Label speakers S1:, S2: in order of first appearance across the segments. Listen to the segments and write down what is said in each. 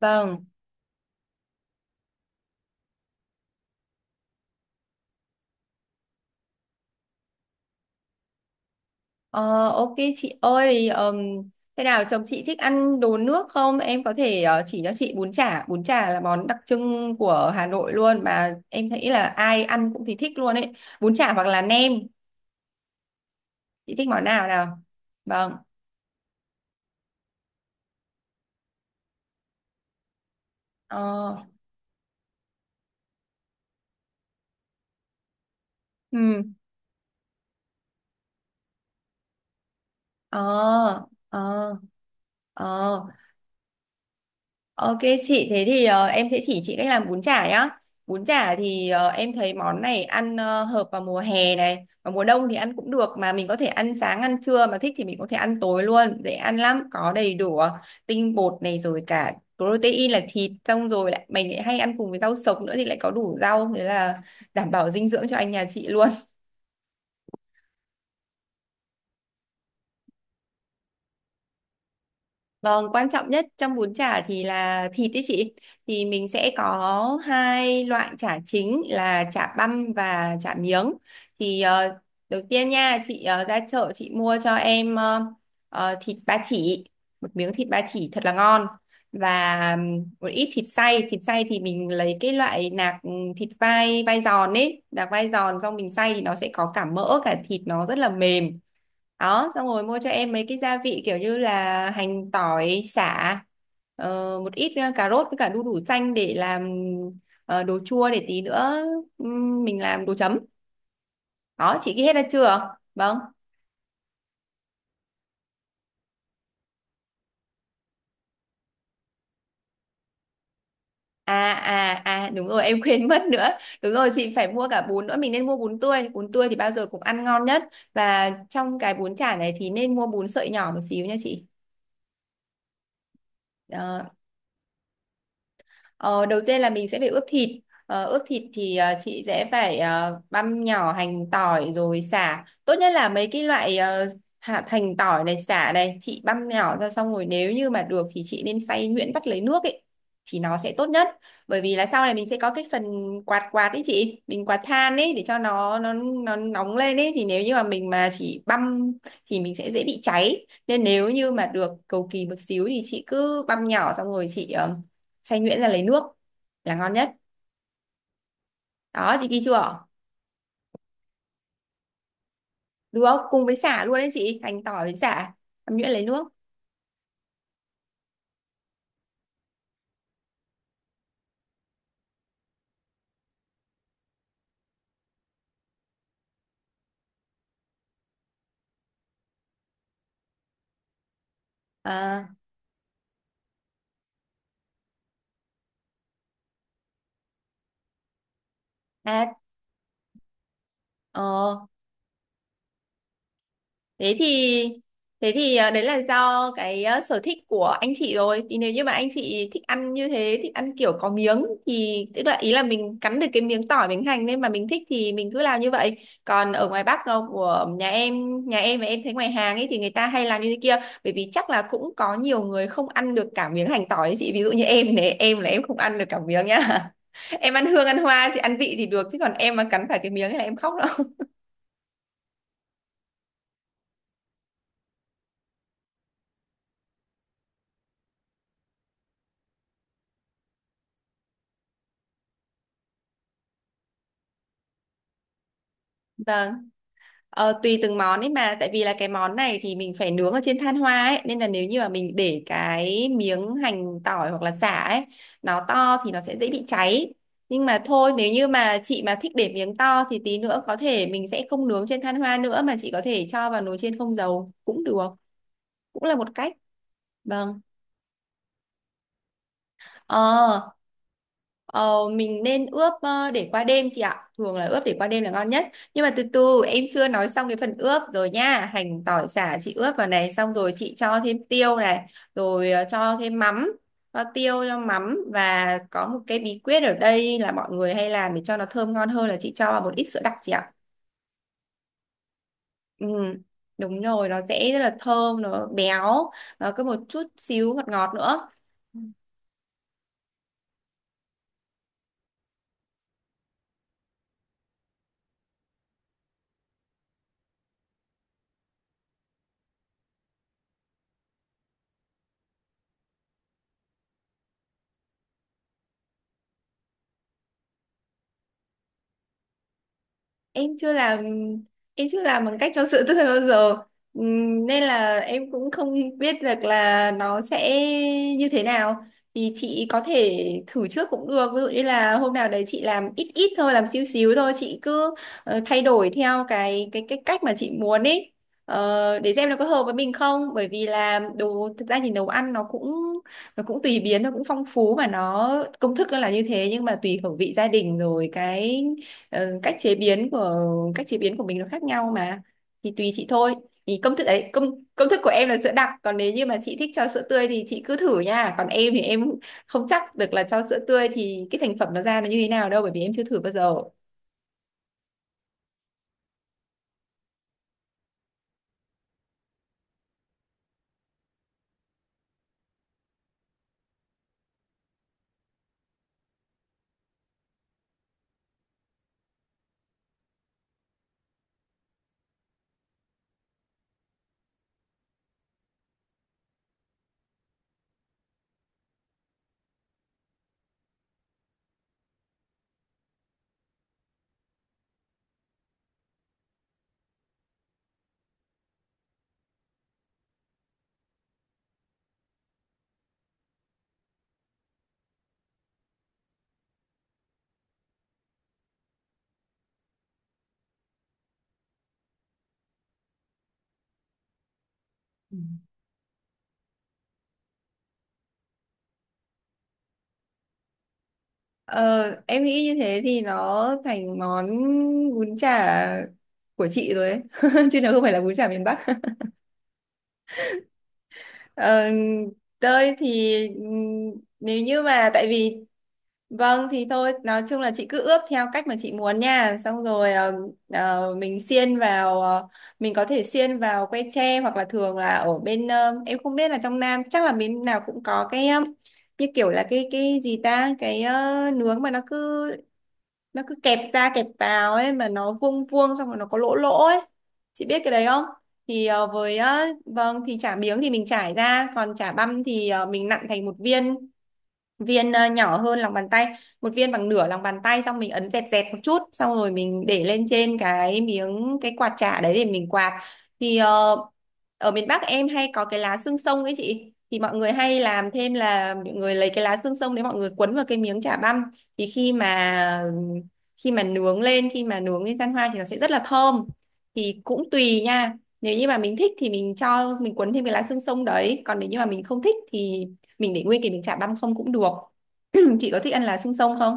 S1: Vâng, Ờ, ok chị ơi, thế nào chồng chị thích ăn đồ nước không? Em có thể chỉ cho chị bún chả là món đặc trưng của Hà Nội luôn mà em thấy là ai ăn cũng thì thích luôn ấy. Bún chả hoặc là nem, chị thích món nào nào? Vâng, ờ, ừ, ờ, ờ, ờ. Ok chị, thế thì em sẽ chỉ chị cách làm bún chả nhá. Bún chả thì em thấy món này ăn hợp vào mùa hè này, và mùa đông thì ăn cũng được mà mình có thể ăn sáng ăn trưa mà thích thì mình có thể ăn tối luôn, dễ ăn lắm, có đầy đủ tinh bột này rồi cả protein là thịt xong rồi lại mình lại hay ăn cùng với rau sống nữa thì lại có đủ rau thế là đảm bảo dinh dưỡng cho anh nhà chị luôn. Vâng, quan trọng nhất trong bún chả thì là thịt đấy chị. Thì mình sẽ có hai loại chả chính là chả băm và chả miếng. Thì đầu tiên nha, chị ra chợ chị mua cho em thịt ba chỉ, một miếng thịt ba chỉ thật là ngon và một ít thịt xay. Thịt xay thì mình lấy cái loại nạc thịt vai vai giòn ấy, nạc vai giòn xong mình xay thì nó sẽ có cả mỡ cả thịt nó rất là mềm đó, xong rồi mua cho em mấy cái gia vị kiểu như là hành tỏi sả, ờ, một ít cà rốt với cả đu đủ xanh để làm đồ chua, để tí nữa mình làm đồ chấm đó. Chị ghi hết ra chưa? Vâng, đúng rồi em quên mất nữa, đúng rồi chị phải mua cả bún nữa, mình nên mua bún tươi, bún tươi thì bao giờ cũng ăn ngon nhất, và trong cái bún chả này thì nên mua bún sợi nhỏ một xíu nha chị. Đó, Ờ, đầu tiên là mình sẽ phải ướp thịt. Ờ, ướp thịt thì chị sẽ phải băm nhỏ hành tỏi rồi sả. Tốt nhất là mấy cái loại hạt hành tỏi này sả này chị băm nhỏ ra xong rồi nếu như mà được thì chị nên xay nhuyễn vắt lấy nước ấy thì nó sẽ tốt nhất. Bởi vì là sau này mình sẽ có cái phần quạt quạt ấy chị, mình quạt than ấy để cho nó nóng lên ấy, thì nếu như mà mình mà chỉ băm thì mình sẽ dễ bị cháy. Nên nếu như mà được cầu kỳ một xíu thì chị cứ băm nhỏ xong rồi chị xay nhuyễn ra lấy nước là ngon nhất đó. Chị ghi chưa? Đúng không, cùng với sả luôn đấy chị, hành tỏi với sả xay nhuyễn lấy nước. à, à ờ, Thế thì à, đấy là do cái sở thích của anh chị rồi. Thì nếu như mà anh chị thích ăn như thế, thích ăn kiểu có miếng thì tức là ý là mình cắn được cái miếng tỏi miếng hành, nên mà mình thích thì mình cứ làm như vậy. Còn ở ngoài Bắc của nhà em và em thấy ngoài hàng ấy thì người ta hay làm như thế kia, bởi vì chắc là cũng có nhiều người không ăn được cả miếng hành tỏi ấy chị. Ví dụ như em này, em là em không ăn được cả miếng nhá. Em ăn hương ăn hoa thì ăn vị thì được, chứ còn em mà cắn phải cái miếng ấy là em khóc đó. Vâng. Ờ, tùy từng món ấy mà, tại vì là cái món này thì mình phải nướng ở trên than hoa ấy, nên là nếu như mà mình để cái miếng hành tỏi hoặc là sả ấy nó to thì nó sẽ dễ bị cháy, nhưng mà thôi nếu như mà chị mà thích để miếng to thì tí nữa có thể mình sẽ không nướng trên than hoa nữa mà chị có thể cho vào nồi chiên không dầu cũng được, cũng là một cách. Vâng, Ờ, ờ, mình nên ướp để qua đêm chị ạ. Thường là ướp để qua đêm là ngon nhất. Nhưng mà từ từ, em chưa nói xong cái phần ướp rồi nha. Hành tỏi sả chị ướp vào này, xong rồi chị cho thêm tiêu này, rồi cho thêm mắm, cho tiêu cho mắm, và có một cái bí quyết ở đây là mọi người hay làm để cho nó thơm ngon hơn là chị cho vào một ít sữa đặc chị ạ. Ừ. Đúng rồi, nó sẽ rất là thơm, nó béo, nó có một chút xíu ngọt ngọt nữa. em chưa làm em chưa làm bằng cách cho sữa tươi bao giờ. Nên là em cũng không biết được là nó sẽ như thế nào. Thì chị có thể thử trước cũng được, ví dụ như là hôm nào đấy chị làm ít ít thôi, làm xíu xíu thôi, chị cứ thay đổi theo cái cách mà chị muốn ấy. Ờ, để xem nó có hợp với mình không, bởi vì là đồ thực ra thì nấu ăn nó cũng tùy biến, nó cũng phong phú mà, nó công thức nó là như thế nhưng mà tùy khẩu vị gia đình rồi cái Ờ, cách chế biến của cách chế biến của mình nó khác nhau mà, thì tùy chị thôi. Thì công thức đấy, công công thức của em là sữa đặc, còn nếu như mà chị thích cho sữa tươi thì chị cứ thử nha, còn em thì em không chắc được là cho sữa tươi thì cái thành phẩm nó ra nó như thế nào đâu, bởi vì em chưa thử bao giờ. Ờ, em nghĩ như thế thì nó thành món bún chả của chị rồi đấy, chứ nó không phải là bún chả miền Bắc. Ờ, Tơi thì nếu như mà tại vì. Vâng thì thôi, nói chung là chị cứ ướp theo cách mà chị muốn nha, xong rồi mình xiên vào, mình có thể xiên vào que tre, hoặc là thường là ở bên em không biết là trong Nam chắc là bên nào cũng có cái như kiểu là cái gì ta, cái nướng mà nó cứ kẹp ra kẹp vào ấy, mà nó vuông vuông xong rồi nó có lỗ lỗ ấy, chị biết cái đấy không? Thì với vâng, thì chả miếng thì mình trải ra, còn chả băm thì mình nặn thành một viên, nhỏ hơn lòng bàn tay, một viên bằng nửa lòng bàn tay, xong mình ấn dẹt dẹt một chút, xong rồi mình để lên trên cái miếng cái quạt chả đấy để mình quạt. Thì ở miền Bắc em hay có cái lá xương sông ấy chị, thì mọi người hay làm thêm là mọi người lấy cái lá xương sông đấy mọi người quấn vào cái miếng chả băm, thì khi mà khi mà nướng lên gian hoa thì nó sẽ rất là thơm. Thì cũng tùy nha, nếu như mà mình thích thì mình cho mình quấn thêm cái lá xương sông đấy, còn nếu như mà mình không thích thì mình để nguyên thì mình chả băm không cũng được. Chị có thích ăn lá xương sông không?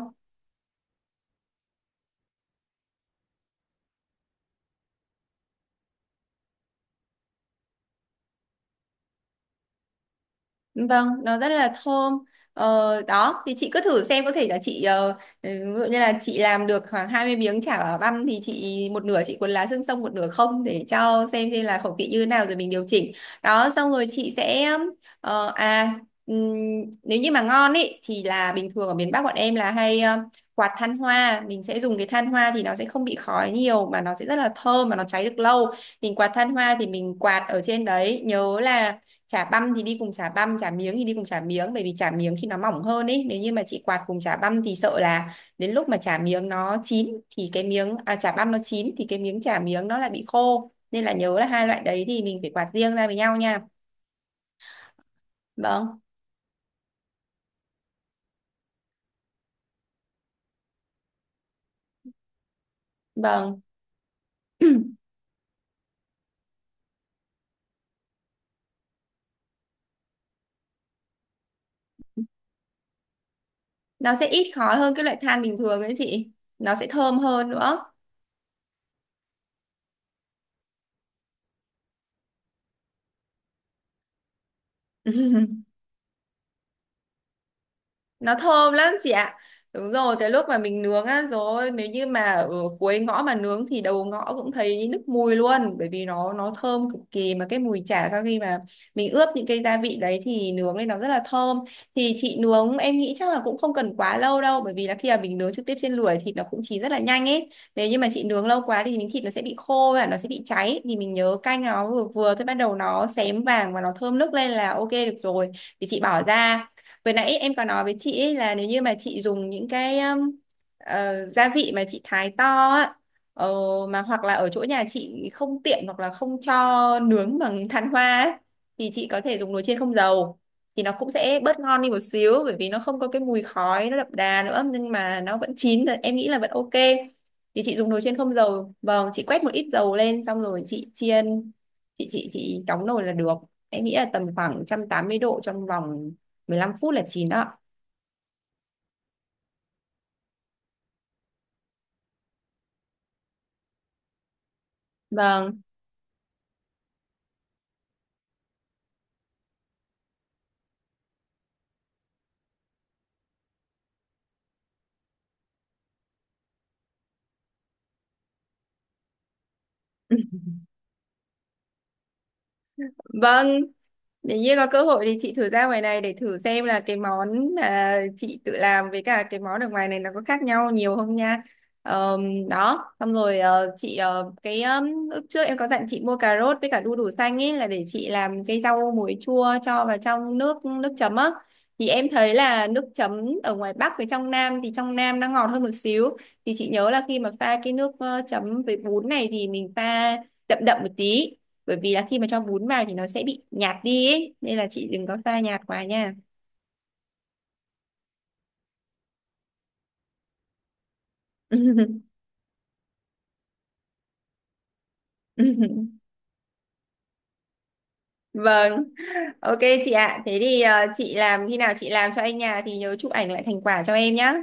S1: Vâng, nó rất là thơm. Ờ, đó, thì chị cứ thử xem, có thể là chị ví dụ như là chị làm được khoảng 20 miếng chả bảo băm thì chị một nửa chị cuốn lá xương sông, một nửa không, để cho xem là khẩu vị như thế nào rồi mình điều chỉnh. Đó, xong rồi chị sẽ ờ, à ừm, nếu như mà ngon ý thì là bình thường ở miền Bắc bọn em là hay quạt than hoa, mình sẽ dùng cái than hoa thì nó sẽ không bị khói nhiều mà nó sẽ rất là thơm mà nó cháy được lâu. Mình quạt than hoa thì mình quạt ở trên đấy, nhớ là chả băm thì đi cùng chả băm, chả miếng thì đi cùng chả miếng, bởi vì chả miếng thì nó mỏng hơn ấy, nếu như mà chị quạt cùng chả băm thì sợ là đến lúc mà chả miếng nó chín thì cái miếng chả băm nó chín thì cái miếng chả miếng nó lại bị khô, nên là nhớ là hai loại đấy thì mình phải quạt riêng ra với nhau nha. Vâng. Vâng. Nó sẽ ít khói hơn cái loại than bình thường ấy chị, nó sẽ thơm hơn nữa. Nó thơm lắm chị ạ. Đúng rồi, cái lúc mà mình nướng á, rồi nếu như mà ở cuối ngõ mà nướng thì đầu ngõ cũng thấy nước mùi luôn, bởi vì nó thơm cực kỳ, mà cái mùi chả sau khi mà mình ướp những cái gia vị đấy thì nướng lên nó rất là thơm. Thì chị nướng, em nghĩ chắc là cũng không cần quá lâu đâu, bởi vì là khi mà mình nướng trực tiếp trên lửa thì thịt nó cũng chín rất là nhanh ấy, nếu như mà chị nướng lâu quá thì miếng thịt nó sẽ bị khô và nó sẽ bị cháy, thì mình nhớ canh nó vừa vừa thôi, bắt đầu nó xém vàng và nó thơm nức lên là ok được rồi, thì chị bỏ ra. Vừa nãy em có nói với chị ấy là nếu như mà chị dùng những cái gia vị mà chị thái to á, ờ, mà hoặc là ở chỗ nhà chị không tiện, hoặc là không cho nướng bằng than hoa ấy, thì chị có thể dùng nồi chiên không dầu, thì nó cũng sẽ bớt ngon đi một xíu bởi vì nó không có cái mùi khói nó đậm đà nữa, nhưng mà nó vẫn chín thì em nghĩ là vẫn ok. Thì chị dùng nồi chiên không dầu, vâng, chị quét một ít dầu lên xong rồi chị chiên, chị đóng nồi là được. Em nghĩ là tầm khoảng 180 độ trong vòng 15 phút là chín đó. Vâng. Vâng, nếu như có cơ hội thì chị thử ra ngoài này để thử xem là cái món mà chị tự làm với cả cái món ở ngoài này nó có khác nhau nhiều không nha. Đó, xong rồi chị cái lúc trước em có dặn chị mua cà rốt với cả đu đủ xanh ấy là để chị làm cái rau muối chua cho vào trong nước nước chấm á. Thì em thấy là nước chấm ở ngoài Bắc với trong Nam thì trong Nam nó ngọt hơn một xíu. Thì chị nhớ là khi mà pha cái nước chấm với bún này thì mình pha đậm đậm một tí, bởi vì là khi mà cho bún vào thì nó sẽ bị nhạt đi ấy. Nên là chị đừng có pha nhạt quá nha. Vâng, ok chị ạ, thế thì chị làm, khi nào chị làm cho anh nhà thì nhớ chụp ảnh lại thành quả cho em nhá.